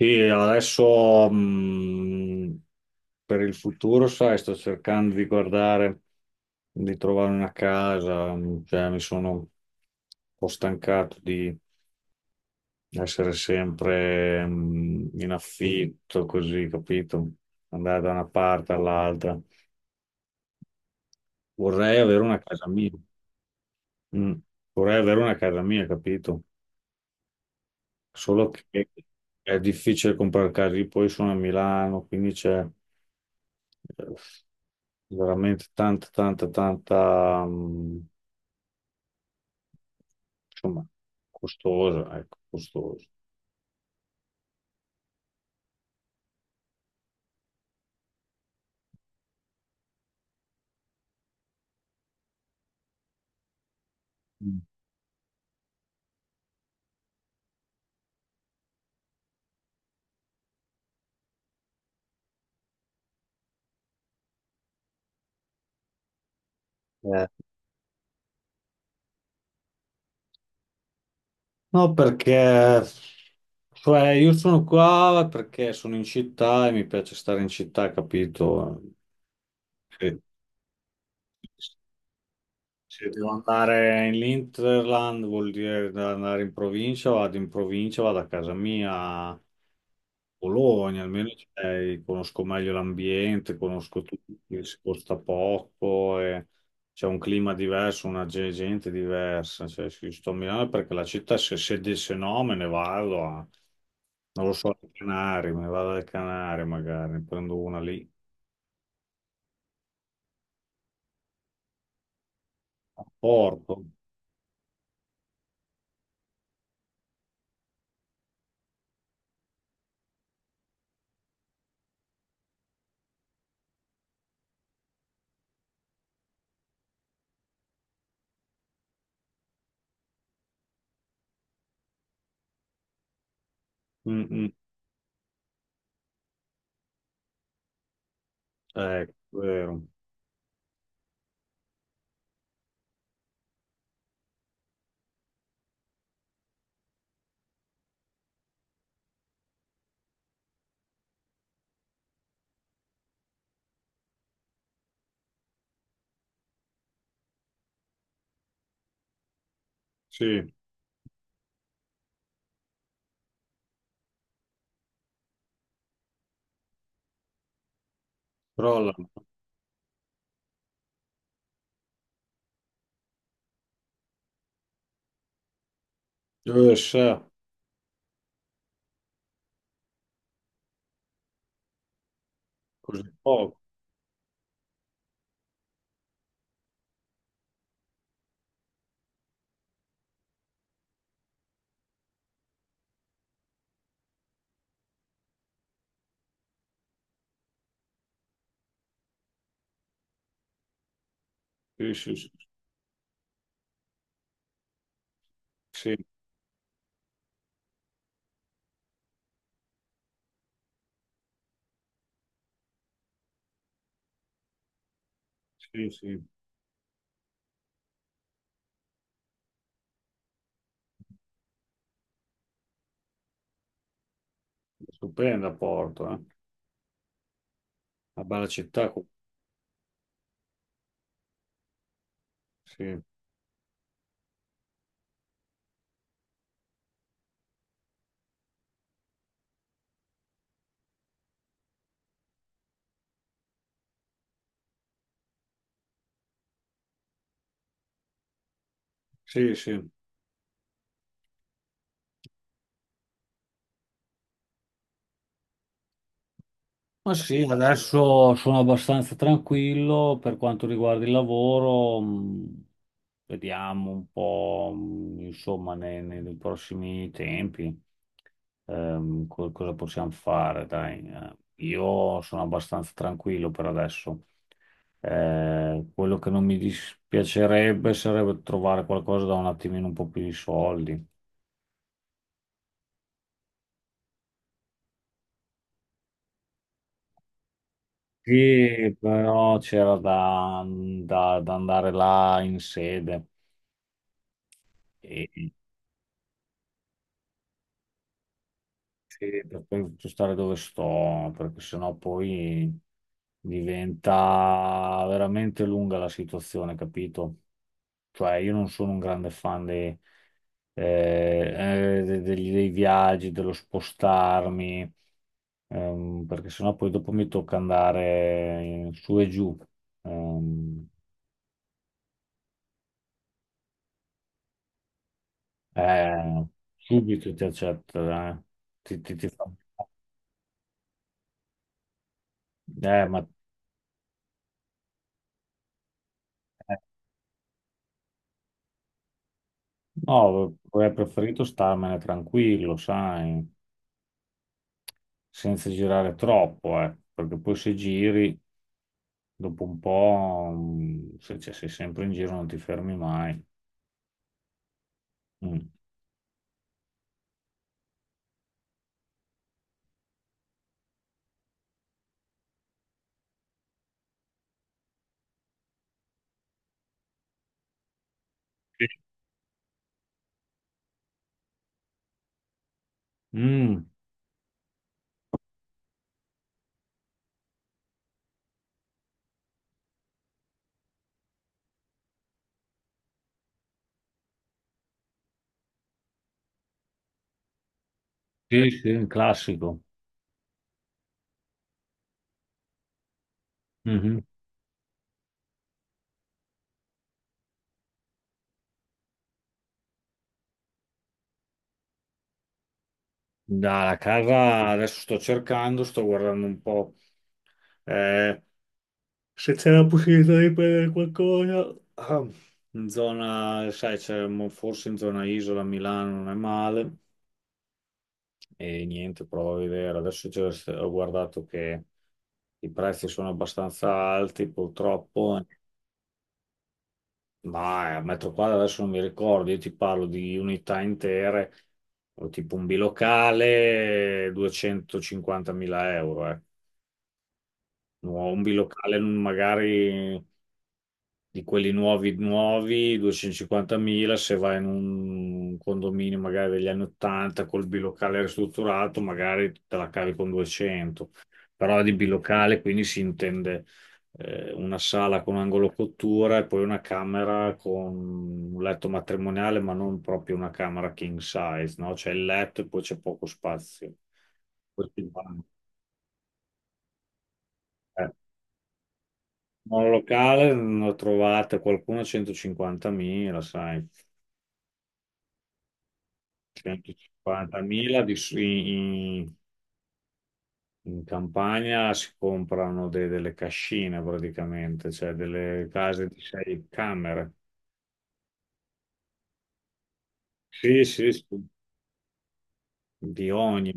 Sì, adesso per il futuro, sai, sto cercando di guardare, di trovare una casa, cioè, mi sono un po' stancato di essere sempre in affitto, così, capito? Andare da una parte all'altra. Vorrei avere una casa mia. Mm. Vorrei avere una casa mia, capito? Solo che è difficile comprare case, poi sono a Milano, quindi c'è... eh, veramente tanta, insomma, costosa, ecco, costosa. Mm. Eh, No, perché cioè, io sono qua perché sono in città e mi piace stare in città, capito? Se, se devo andare in Interland vuol dire andare in provincia, vado a casa mia. Bologna, almeno conosco meglio l'ambiente, conosco tutti, si costa poco, e c'è un clima diverso, una gente diversa. Cioè, se io sto a Milano perché la città, se no, me ne vado a, non lo so, alle Canarie, me ne vado alle Canarie magari, ne prendo una lì, a Porto. Mm, mm. Ecco, vero. Sì, però la, sa, così poco. Sì, sì, sì, sì, sì, sì. Stupenda Porto, eh. Una bella città. Sì, sì, sì. Ma sì, adesso sono abbastanza tranquillo per quanto riguarda il lavoro. Vediamo un po', insomma, nei prossimi tempi, cosa possiamo fare, dai. Io sono abbastanza tranquillo per adesso. Quello che non mi dispiacerebbe sarebbe trovare qualcosa da un attimino un po' più di soldi. Sì, però c'era da, da andare là in sede e, sì, per poi stare dove sto, perché sennò poi diventa veramente lunga la situazione, capito? Cioè, io non sono un grande fan dei, eh, dei viaggi, dello spostarmi, perché sennò poi dopo mi tocca andare su e giù. ehm, Eh, subito ti accetta, eh. Ti, ti- ti fa- eh, ma eh, no, avrei preferito starmene tranquillo, sai, senza girare troppo, perché poi se giri dopo un po', mm, se cioè, sei sempre in giro non ti fermi mai. Mm. Sì. Mm, sì, sì, un classico. Mhm. Dalla casa adesso sto cercando, sto guardando un po'. eh, Se c'è la possibilità di prendere qualcosa, ah, in zona, sai, forse in zona Isola, a Milano non è male e niente, prova a vedere. Ho guardato che i prezzi sono abbastanza alti, purtroppo, ma a metro quadro adesso non mi ricordo, io ti parlo di unità intere, o tipo un bilocale, 250.000 euro, eh. No, un bilocale magari di quelli nuovi, nuovi, 250.000, se vai in un condominio magari degli anni 80 col bilocale ristrutturato, magari te la cavi con 200. Però di bilocale, quindi si intende una sala con angolo cottura e poi una camera con un letto matrimoniale, ma non proprio una camera king size, no? C'è il letto e poi c'è poco spazio. Questo è il bagno. Eh, monolocale, ne ho trovate qualcuno a 150.000, sai. 150.000 in, in campagna si comprano delle cascine praticamente, cioè delle case di 6 camere. Sì, sì, sì, di ogni,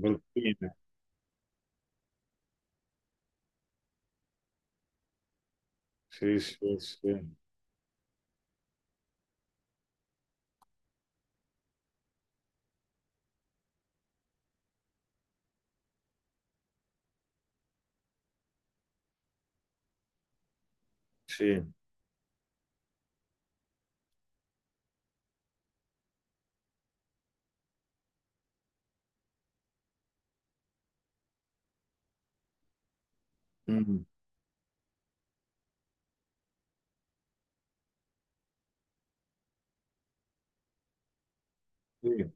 bruttine. Sì, sì, sì, sì. Mm, sì.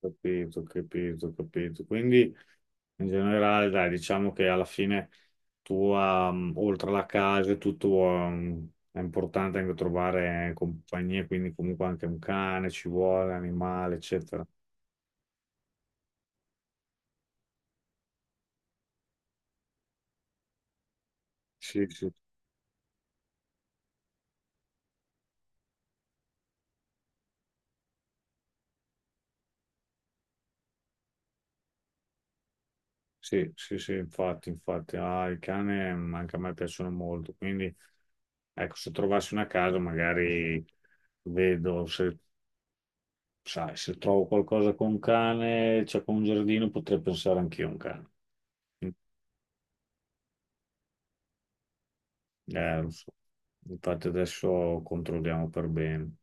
Capito, capito, capito. Quindi in generale, dai, diciamo che alla fine tu, oltre alla casa, e tutto, è importante anche trovare compagnia, quindi comunque anche un cane ci vuole, animale, eccetera. Sì, sì, sì, sì, sì, infatti, infatti, ah, il cane mm, anche a me piacciono molto, quindi ecco, se trovassi una casa magari vedo se, sai, se trovo qualcosa con un cane, cioè con un giardino, potrei pensare anch'io a un cane. Eh, infatti adesso controlliamo per bene.